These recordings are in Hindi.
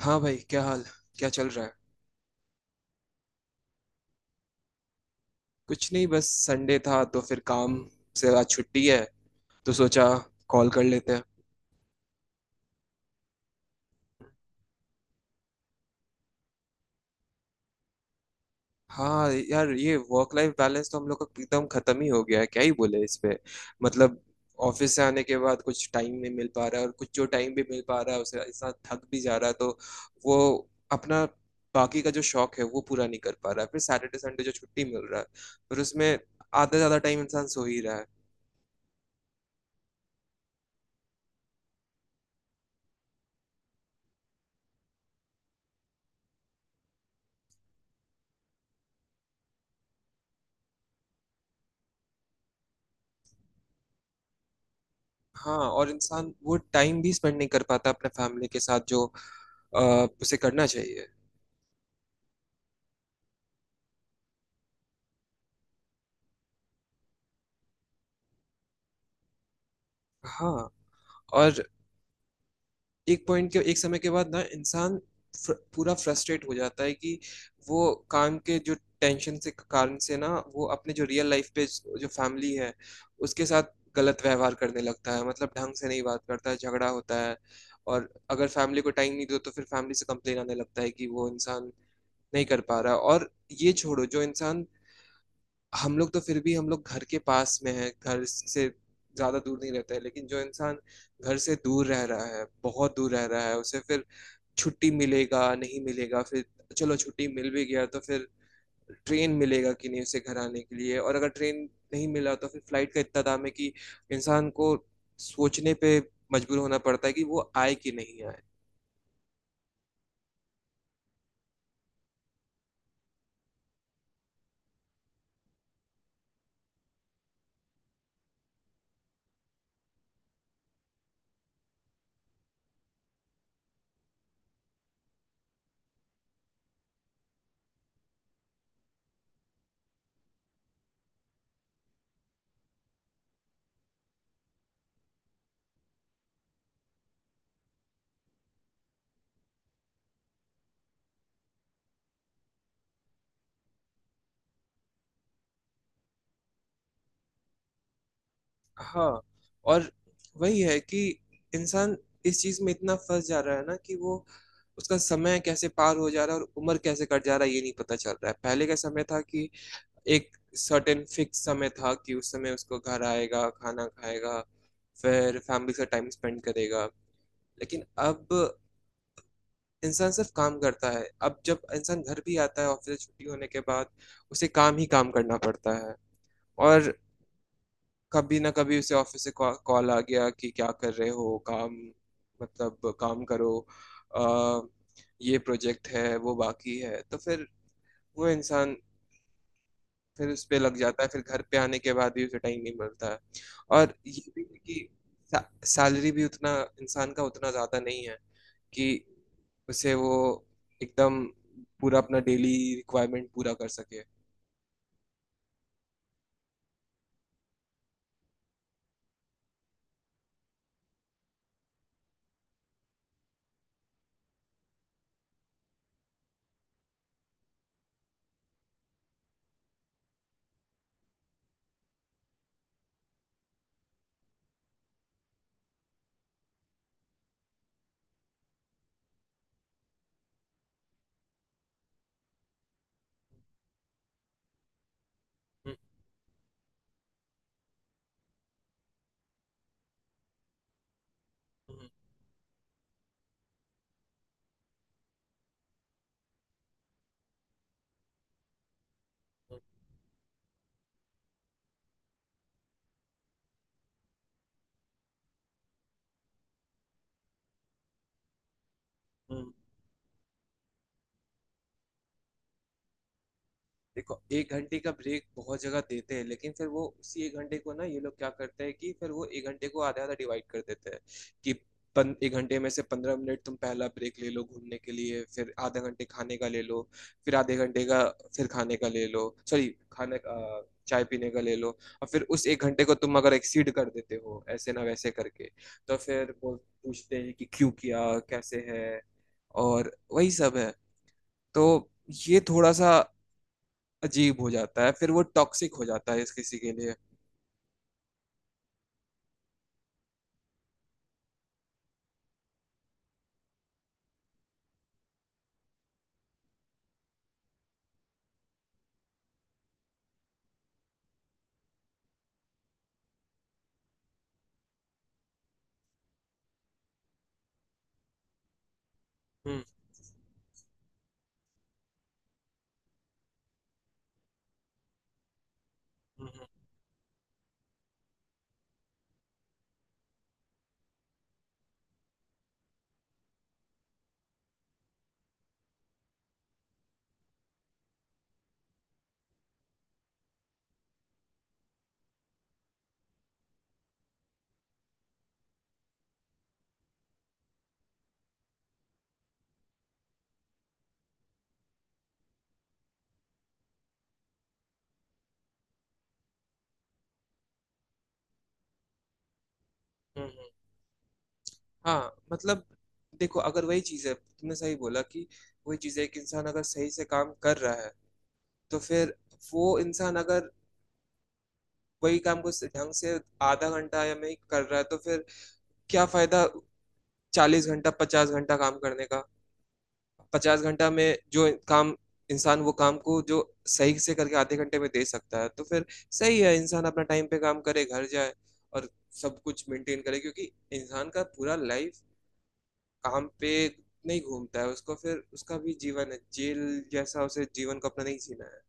हाँ भाई, क्या हाल? क्या चल रहा है? कुछ नहीं, बस संडे था तो फिर काम से आज छुट्टी है, तो सोचा कॉल कर लेते हैं। हाँ यार, ये वर्क लाइफ बैलेंस तो हम लोग का एकदम खत्म ही हो गया है, क्या ही बोले इस पे। मतलब ऑफिस से आने के बाद कुछ टाइम नहीं मिल पा रहा है, और कुछ जो टाइम भी मिल पा रहा है उसे इंसान थक भी जा रहा है, तो वो अपना बाकी का जो शौक है वो पूरा नहीं कर पा रहा है। फिर सैटरडे संडे जो छुट्टी मिल रहा है, फिर उसमें आधा ज्यादा टाइम इंसान सो ही रहा है। हाँ, और इंसान वो टाइम भी स्पेंड नहीं कर पाता अपने फैमिली के साथ जो उसे करना चाहिए। हाँ, और एक पॉइंट के, एक समय के बाद ना इंसान पूरा फ्रस्ट्रेट हो जाता है कि वो काम के जो टेंशन से, कारण से ना, वो अपने जो रियल लाइफ पे, जो फैमिली है उसके साथ गलत व्यवहार करने लगता है। मतलब ढंग से नहीं बात करता है, झगड़ा होता है। और अगर फैमिली को टाइम नहीं दो तो फिर फैमिली से कंप्लेन आने लगता है कि वो इंसान नहीं कर पा रहा। और ये छोड़ो, जो इंसान, हम लोग तो फिर भी हम लोग घर के पास में है, घर से ज्यादा दूर नहीं रहते हैं, लेकिन जो इंसान घर से दूर रह रहा है, बहुत दूर रह रहा है, उसे फिर छुट्टी मिलेगा नहीं मिलेगा, फिर चलो छुट्टी मिल भी गया तो फिर ट्रेन मिलेगा कि नहीं उसे घर आने के लिए। और अगर ट्रेन नहीं मिला तो फिर फ्लाइट का इतना दाम है कि इंसान को सोचने पे मजबूर होना पड़ता है कि वो आए कि नहीं आए। हाँ, और वही है कि इंसान इस चीज में इतना फंस जा रहा है ना कि वो, उसका समय कैसे पार हो जा रहा है और उम्र कैसे कट जा रहा है ये नहीं पता चल रहा है। पहले का समय था कि एक सर्टेन फिक्स समय था कि उस समय उसको घर आएगा, खाना खाएगा, फिर फैमिली से टाइम स्पेंड करेगा। लेकिन अब इंसान सिर्फ काम करता है। अब जब इंसान घर भी आता है ऑफिस से छुट्टी होने के बाद, उसे काम ही काम करना पड़ता है। और कभी ना कभी उसे ऑफिस से कॉल आ गया कि क्या कर रहे हो, काम मतलब काम करो, आ, ये प्रोजेक्ट है वो बाकी है, तो फिर वो इंसान फिर उस पे लग जाता है। फिर घर पे आने के बाद भी उसे टाइम नहीं मिलता है। और ये भी है कि सैलरी भी उतना इंसान का उतना ज़्यादा नहीं है कि उसे वो एकदम पूरा अपना डेली रिक्वायरमेंट पूरा कर सके। हम्म, हम्म, हम्म, हम्म। देखो, एक घंटे का ब्रेक बहुत जगह देते हैं, लेकिन फिर वो उसी एक घंटे को ना ये लोग क्या करते हैं कि फिर वो एक घंटे को आधा आधा डिवाइड कर देते हैं कि एक घंटे में से 15 मिनट तुम पहला ब्रेक ले लो घूमने के लिए, फिर आधा घंटे खाने का ले लो, फिर आधे घंटे का, फिर खाने का ले लो, सॉरी खाने चाय पीने का ले लो। और फिर उस एक घंटे को तुम अगर एक्सीड कर देते हो ऐसे ना वैसे करके, तो फिर वो पूछते हैं कि क्यों किया, कैसे है, और वही सब है। तो ये थोड़ा सा अजीब हो जाता है, फिर वो टॉक्सिक हो जाता है इस किसी के लिए। हम्म हम्म हम्म हम्म, हाँ मतलब देखो, अगर वही चीज है, तुमने सही बोला कि वही चीज है कि इंसान अगर सही से काम कर रहा है तो फिर, वो इंसान अगर वही काम को ढंग से आधा घंटा या नहीं कर रहा है तो फिर क्या फायदा 40 घंटा 50 घंटा काम करने का। 50 घंटा में जो काम इंसान वो काम को जो सही से करके आधे घंटे में दे सकता है तो फिर सही है, इंसान अपना टाइम पे काम करे, घर जाए और सब कुछ मेंटेन करे। क्योंकि इंसान का पूरा लाइफ काम पे नहीं घूमता है उसको, फिर उसका भी जीवन है, जेल जैसा उसे जीवन को अपना नहीं जीना है।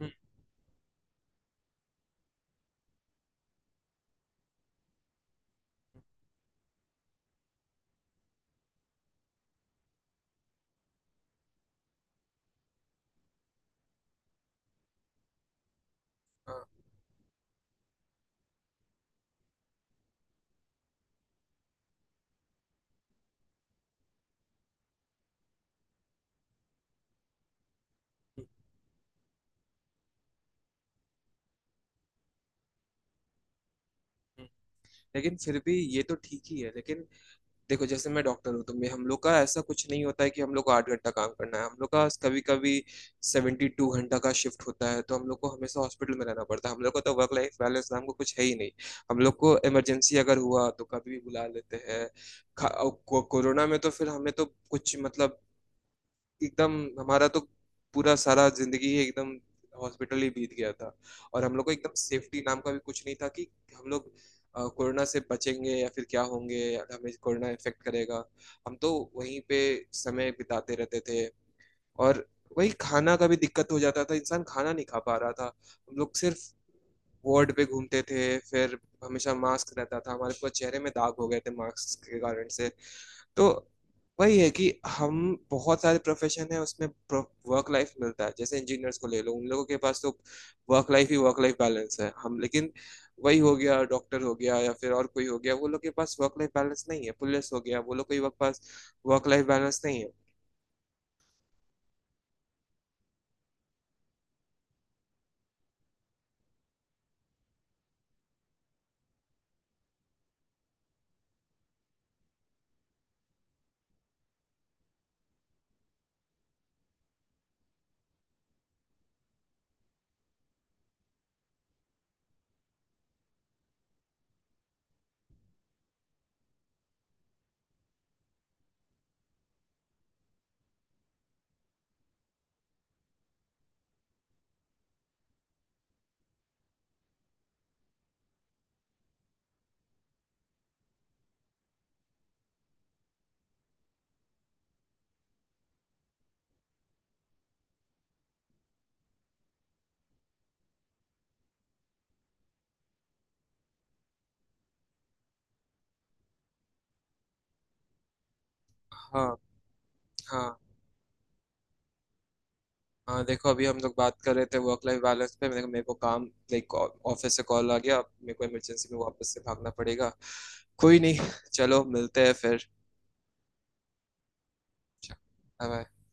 हम्म, हम्म, हम्म, हम्म। लेकिन फिर भी ये तो ठीक ही है, लेकिन देखो जैसे मैं डॉक्टर हूँ तो मैं, हम लोग का ऐसा कुछ नहीं होता है कि हम लोग को 8 घंटा काम करना है। हम लोग का कभी कभी 72 घंटा का शिफ्ट होता है तो हम लोग को हमेशा हॉस्पिटल में रहना पड़ता है। हम लोग को तो वर्क लाइफ बैलेंस नाम को कुछ है ही नहीं। हम लोग को इमरजेंसी अगर हुआ तो कभी भी बुला लेते हैं। कोरोना में तो फिर हमें तो कुछ मतलब एकदम, हमारा तो पूरा सारा जिंदगी ही एकदम हॉस्पिटल ही बीत गया था। और हम लोग को एकदम सेफ्टी नाम का भी कुछ नहीं था कि हम लोग कोरोना से बचेंगे या फिर क्या होंगे या हमें कोरोना इफेक्ट करेगा। हम तो वहीं पे समय बिताते रहते थे। और वही खाना का भी दिक्कत हो जाता था, इंसान खाना नहीं खा पा रहा था। हम लोग सिर्फ वार्ड पे घूमते थे, फिर हमेशा मास्क रहता था, हमारे पूरे चेहरे में दाग हो गए थे मास्क के कारण से। तो वही है कि हम, बहुत सारे प्रोफेशन है उसमें वर्क लाइफ मिलता है, जैसे इंजीनियर्स को ले लो, उन लोगों के पास तो वर्क लाइफ ही, वर्क लाइफ बैलेंस है हम, लेकिन वही हो गया डॉक्टर हो गया या फिर और कोई हो गया, वो लोग के पास वर्क लाइफ बैलेंस नहीं है। पुलिस हो गया, वो लोग के पास वर्क लाइफ बैलेंस नहीं है। हाँ। हाँ। हाँ, देखो अभी हम लोग बात कर रहे थे वर्क लाइफ बैलेंस पे, मेरे को काम, लाइक ऑफिस से कॉल आ गया, मेरे को इमरजेंसी में वापस से भागना पड़ेगा। कोई नहीं, चलो मिलते हैं फिर। Bye-bye.